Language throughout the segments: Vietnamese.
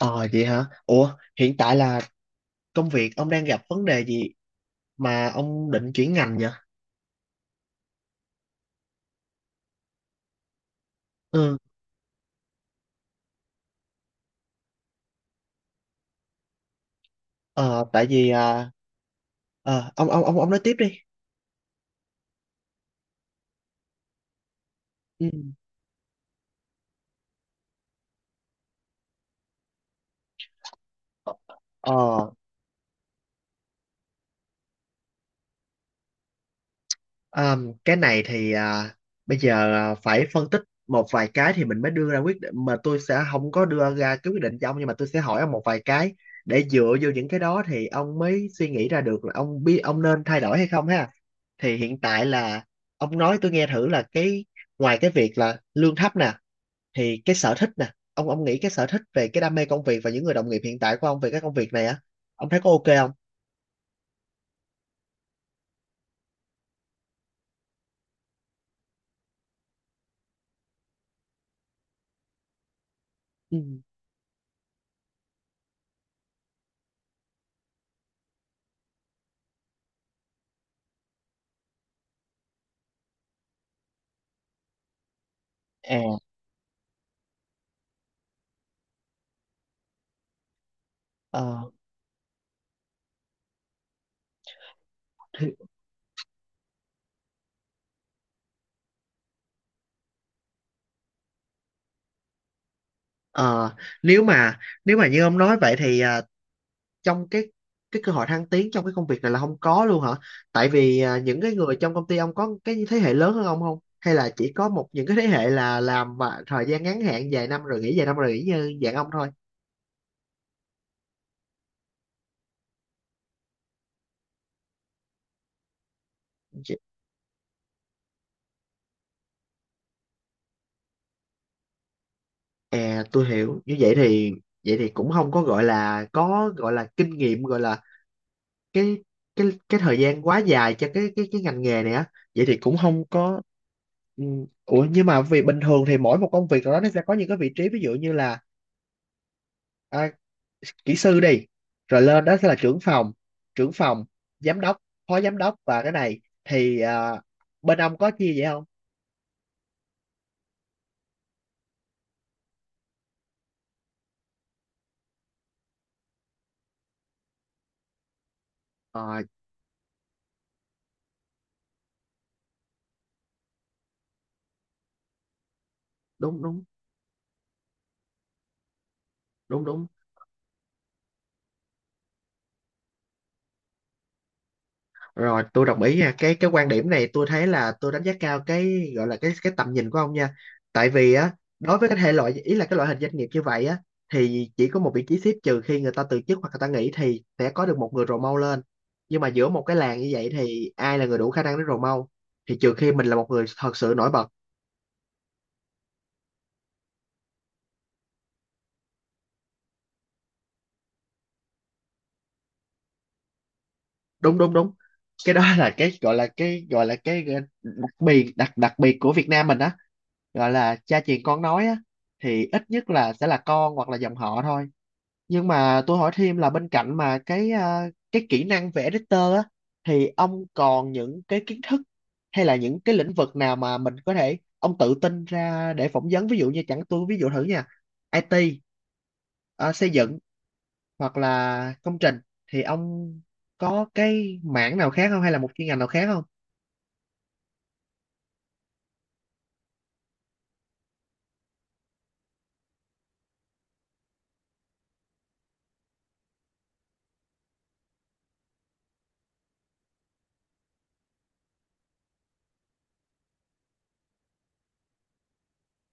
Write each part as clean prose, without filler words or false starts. Ờ vậy hả? Ủa, hiện tại là công việc ông đang gặp vấn đề gì mà ông định chuyển ngành vậy? Ừ, ờ, tại vì ông nói tiếp đi. Ừ. Ờ, à, cái này thì bây giờ phải phân tích một vài cái thì mình mới đưa ra quyết định, mà tôi sẽ không có đưa ra cái quyết định cho ông, nhưng mà tôi sẽ hỏi ông một vài cái để dựa vô những cái đó thì ông mới suy nghĩ ra được là ông biết ông nên thay đổi hay không ha. Thì hiện tại là ông nói tôi nghe thử là cái ngoài cái việc là lương thấp nè, thì cái sở thích nè, ông nghĩ cái sở thích về cái đam mê công việc và những người đồng nghiệp hiện tại của ông về cái công việc này á, ông thấy có ok không? Ừ. à Ờ, thì- ờ, Nếu mà như ông nói vậy thì trong cái cơ hội thăng tiến trong cái công việc này là không có luôn hả? Tại vì những cái người trong công ty ông có cái thế hệ lớn hơn ông không? Hay là chỉ có một những cái thế hệ là làm mà thời gian ngắn hạn vài năm rồi nghỉ, vài năm rồi nghỉ như dạng ông thôi? Chị- À, tôi hiểu. Như vậy thì cũng không có gọi là, có gọi là kinh nghiệm, gọi là cái thời gian quá dài cho cái ngành nghề này á, vậy thì cũng không có. ừ, Ủa nhưng mà vì bình thường thì mỗi một công việc nào đó nó sẽ có những cái vị trí, ví dụ như là à, kỹ sư đi, rồi lên đó sẽ là trưởng phòng, trưởng phòng giám đốc, phó giám đốc, và cái này thì bên ông có chia vậy không? Ờ. Đúng, đúng, đúng, đúng. Rồi, tôi đồng ý nha. Cái quan điểm này tôi thấy là tôi đánh giá cao cái gọi là cái tầm nhìn của ông nha. Tại vì á, đối với cái thể loại, ý là cái loại hình doanh nghiệp như vậy á, thì chỉ có một vị trí sếp, trừ khi người ta từ chức hoặc người ta nghỉ thì sẽ có được một người rồ mau lên. Nhưng mà giữa một cái làng như vậy thì ai là người đủ khả năng để rồ mau? Thì trừ khi mình là một người thật sự nổi bật. Đúng đúng đúng. Cái đó là cái gọi là, cái gọi là cái đặc biệt, đặc đặc biệt của Việt Nam mình á, gọi là cha truyền con nói á, thì ít nhất là sẽ là con hoặc là dòng họ thôi. Nhưng mà tôi hỏi thêm là bên cạnh mà cái cái kỹ năng vẽ vector á, thì ông còn những cái kiến thức hay là những cái lĩnh vực nào mà mình có thể ông tự tin ra để phỏng vấn, ví dụ như chẳng tôi ví dụ thử nha: IT, xây dựng, hoặc là công trình, thì ông có cái mảng nào khác không, hay là một chuyên ngành nào khác không?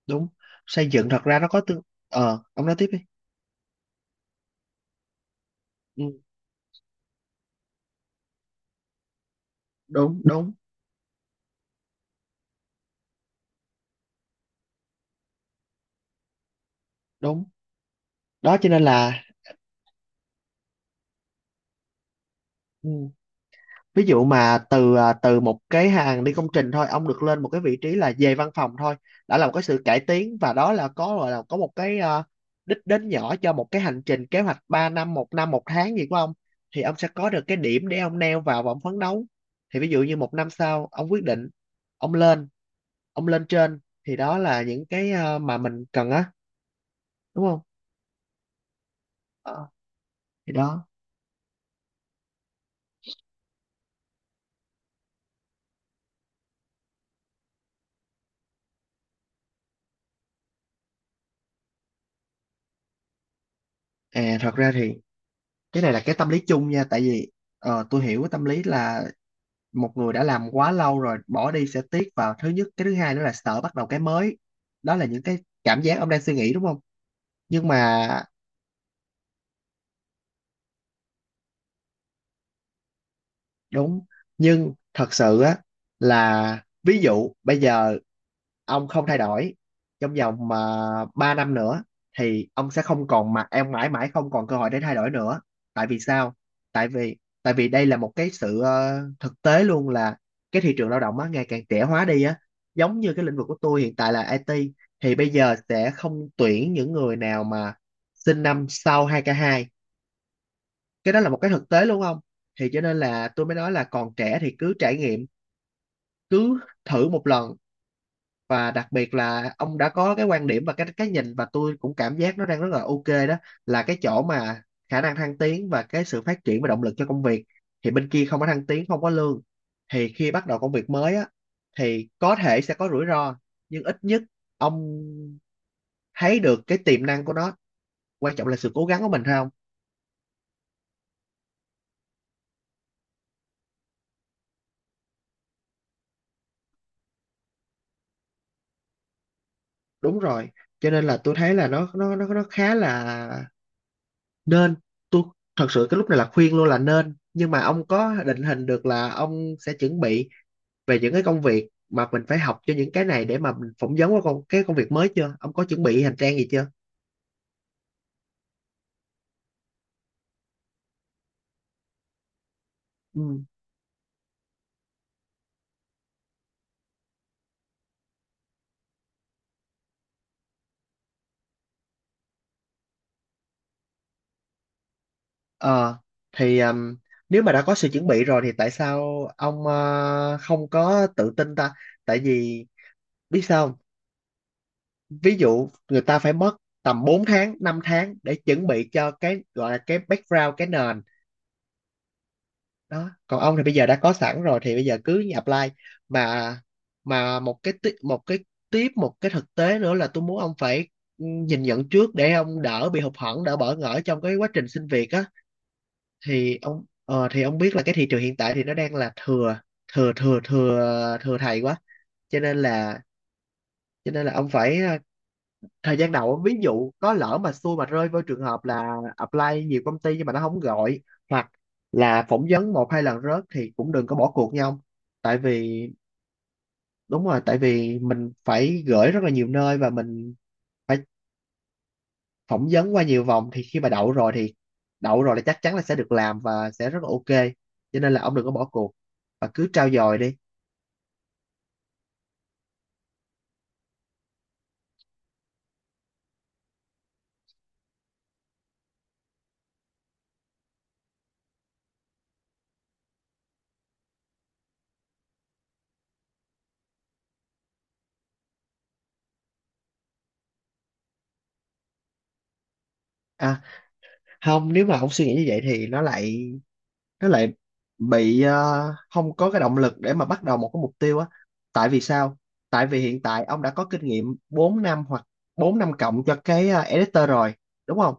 Đúng, xây dựng thật ra nó có tương- ông nói tiếp đi. Ừ, đúng, đúng, đúng. Đó cho nên là ừ, ví dụ mà từ từ một cái hàng đi công trình thôi ông được lên một cái vị trí là về văn phòng thôi, đã là một cái sự cải tiến, và đó là có gọi là có một cái đích đến nhỏ cho một cái hành trình kế hoạch 3 năm 1 năm 1 tháng gì của ông, thì ông sẽ có được cái điểm để ông neo vào và ông phấn đấu. Thì ví dụ như một năm sau ông quyết định ông lên, ông lên trên, thì đó là những cái mà mình cần á, đúng không? Ờ, thì đó Thật ra thì cái này là cái tâm lý chung nha. Tại vì tôi hiểu cái tâm lý là một người đã làm quá lâu rồi bỏ đi sẽ tiếc vào thứ nhất, cái thứ hai nữa là sợ bắt đầu cái mới. Đó là những cái cảm giác ông đang suy nghĩ, đúng không? Nhưng mà đúng, nhưng thật sự á, là ví dụ bây giờ ông không thay đổi trong vòng mà 3 năm nữa, thì ông sẽ không còn, mà em mãi mãi không còn cơ hội để thay đổi nữa. Tại vì sao? Tại vì đây là một cái sự thực tế luôn, là cái thị trường lao động á ngày càng trẻ hóa đi á. Giống như cái lĩnh vực của tôi hiện tại là IT, thì bây giờ sẽ không tuyển những người nào mà sinh năm sau 2k2. Cái đó là một cái thực tế luôn không, thì cho nên là tôi mới nói là còn trẻ thì cứ trải nghiệm, cứ thử một lần. Và đặc biệt là ông đã có cái quan điểm và cái nhìn, và tôi cũng cảm giác nó đang rất là ok đó, là cái chỗ mà khả năng thăng tiến và cái sự phát triển và động lực cho công việc, thì bên kia không có thăng tiến, không có lương. Thì khi bắt đầu công việc mới á, thì có thể sẽ có rủi ro, nhưng ít nhất ông thấy được cái tiềm năng của nó, quan trọng là sự cố gắng của mình, phải không? Đúng rồi, cho nên là tôi thấy là nó khá là nên. Tôi thật sự cái lúc này là khuyên luôn là nên, nhưng mà ông có định hình được là ông sẽ chuẩn bị về những cái công việc mà mình phải học cho những cái này để mà mình phỏng vấn qua con cái công việc mới chưa? Ông có chuẩn bị hành trang gì chưa? Ừ. ờ thì Nếu mà đã có sự chuẩn bị rồi thì tại sao ông không có tự tin ta? Tại vì biết sao không? Ví dụ người ta phải mất tầm 4 tháng 5 tháng để chuẩn bị cho cái gọi là cái background cái nền đó, còn ông thì bây giờ đã có sẵn rồi thì bây giờ cứ apply. Mà mà một cái một cái tiếp, một cái thực tế nữa là tôi muốn ông phải nhìn nhận trước để ông đỡ bị hụt hẫng, đỡ bỡ ngỡ trong cái quá trình xin việc á. Thì ông biết là cái thị trường hiện tại thì nó đang là thừa, thừa thừa thừa thừa thầy quá, cho nên là ông phải thời gian đầu ví dụ có lỡ mà xui mà rơi vô trường hợp là apply nhiều công ty nhưng mà nó không gọi, hoặc là phỏng vấn một hai lần rớt, thì cũng đừng có bỏ cuộc nha ông. Tại vì đúng rồi, tại vì mình phải gửi rất là nhiều nơi và mình phải phỏng vấn qua nhiều vòng, thì khi mà đậu rồi thì đậu rồi là chắc chắn là sẽ được làm và sẽ rất là ok. Cho nên là ông đừng có bỏ cuộc và cứ trau dồi đi. À không, nếu mà ông suy nghĩ như vậy thì nó lại bị không có cái động lực để mà bắt đầu một cái mục tiêu á. Tại vì sao? Tại vì hiện tại ông đã có kinh nghiệm 4 năm hoặc 4 năm cộng cho cái editor rồi, đúng không?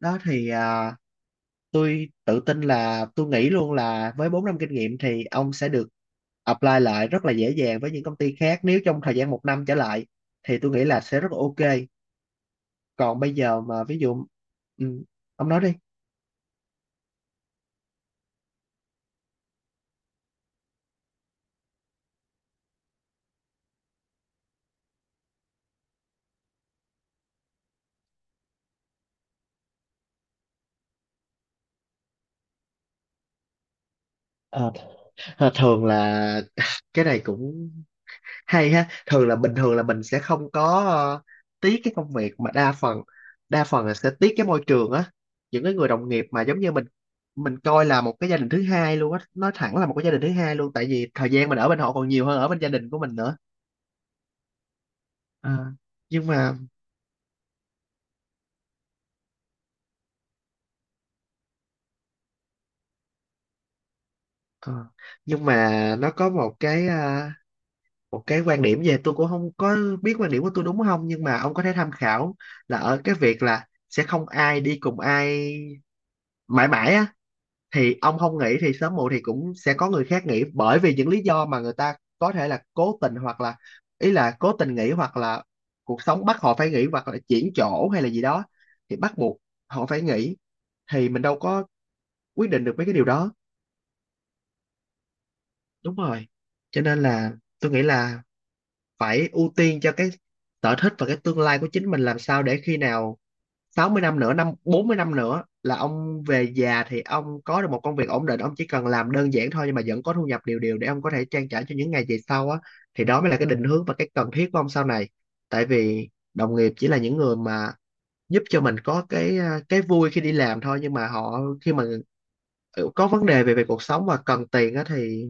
Đó thì tôi tự tin là tôi nghĩ luôn là với 4 năm kinh nghiệm thì ông sẽ được apply lại rất là dễ dàng với những công ty khác nếu trong thời gian một năm trở lại, thì tôi nghĩ là sẽ rất là ok. Còn bây giờ mà ví dụ ừ, ông nói đi. Ờ, thường là cái này cũng hay ha, thường là bình thường là mình sẽ không có tiếc cái công việc mà đa phần, đa phần là sẽ tiếc cái môi trường á, những cái người đồng nghiệp mà giống như mình coi là một cái gia đình thứ hai luôn á. Nói thẳng là một cái gia đình thứ hai luôn, tại vì thời gian mình ở bên họ còn nhiều hơn ở bên gia đình của mình nữa. Ờ, nhưng mà ờ, nhưng mà nó có một cái một cái quan điểm, về tôi cũng không có biết quan điểm của tôi đúng không, nhưng mà ông có thể tham khảo, là ở cái việc là sẽ không ai đi cùng ai mãi mãi á. Thì ông không nghỉ thì sớm muộn thì cũng sẽ có người khác nghỉ, bởi vì những lý do mà người ta có thể là cố tình hoặc là, ý là cố tình nghỉ hoặc là cuộc sống bắt họ phải nghỉ hoặc là chuyển chỗ hay là gì đó thì bắt buộc họ phải nghỉ, thì mình đâu có quyết định được mấy cái điều đó. Đúng rồi, cho nên là tôi nghĩ là phải ưu tiên cho cái sở thích và cái tương lai của chính mình, làm sao để khi nào 60 năm nữa, năm 40 năm nữa là ông về già thì ông có được một công việc ổn định, ông chỉ cần làm đơn giản thôi nhưng mà vẫn có thu nhập đều đều để ông có thể trang trải cho những ngày về sau á. Thì đó mới là cái định hướng và cái cần thiết của ông sau này. Tại vì đồng nghiệp chỉ là những người mà giúp cho mình có cái cái vui khi đi làm thôi, nhưng mà họ khi mà có vấn đề về về cuộc sống và cần tiền á, thì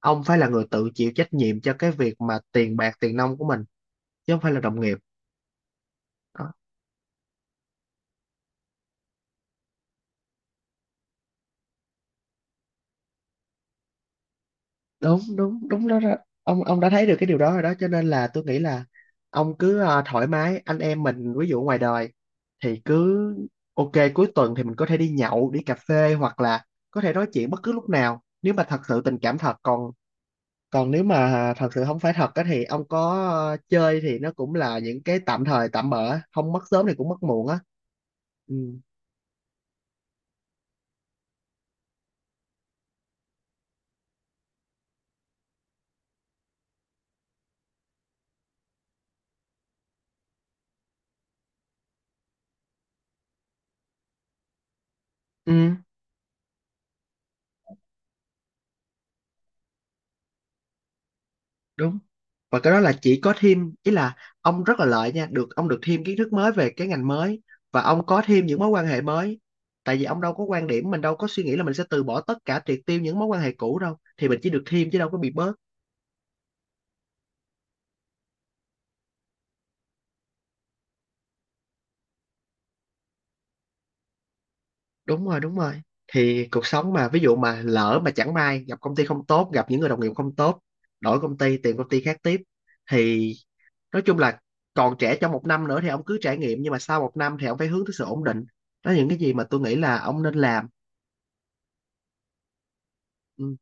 ông phải là người tự chịu trách nhiệm cho cái việc mà tiền bạc tiền nong của mình, chứ không phải là đồng nghiệp. Đúng đúng đúng, đó, đó. Ông đã thấy được cái điều đó rồi đó, cho nên là tôi nghĩ là ông cứ thoải mái. Anh em mình ví dụ ngoài đời thì cứ ok, cuối tuần thì mình có thể đi nhậu đi cà phê, hoặc là có thể nói chuyện bất cứ lúc nào nếu mà thật sự tình cảm thật còn. Còn nếu mà thật sự không phải thật á thì ông có chơi thì nó cũng là những cái tạm thời tạm bỡ, không mất sớm thì cũng mất muộn á. Ừ. Ừ. Đúng. Và cái đó là chỉ có thêm, ý là ông rất là lợi nha, được ông được thêm kiến thức mới về cái ngành mới, và ông có thêm những mối quan hệ mới. Tại vì ông đâu có quan điểm, mình đâu có suy nghĩ là mình sẽ từ bỏ tất cả, triệt tiêu những mối quan hệ cũ đâu, thì mình chỉ được thêm chứ đâu có bị bớt. Đúng rồi, đúng rồi. Thì cuộc sống mà ví dụ mà lỡ mà chẳng may gặp công ty không tốt, gặp những người đồng nghiệp không tốt, đổi công ty, tìm công ty khác tiếp. Thì nói chung là còn trẻ trong một năm nữa thì ông cứ trải nghiệm, nhưng mà sau một năm thì ông phải hướng tới sự ổn định. Đó là những cái gì mà tôi nghĩ là ông nên làm. Ừ.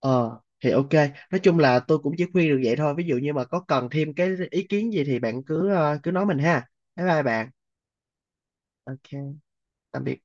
Ờ thì ok, nói chung là tôi cũng chỉ khuyên được vậy thôi. Ví dụ như mà có cần thêm cái ý kiến gì thì bạn cứ cứ nói mình ha. Bye bye bạn. Ok, tạm biệt.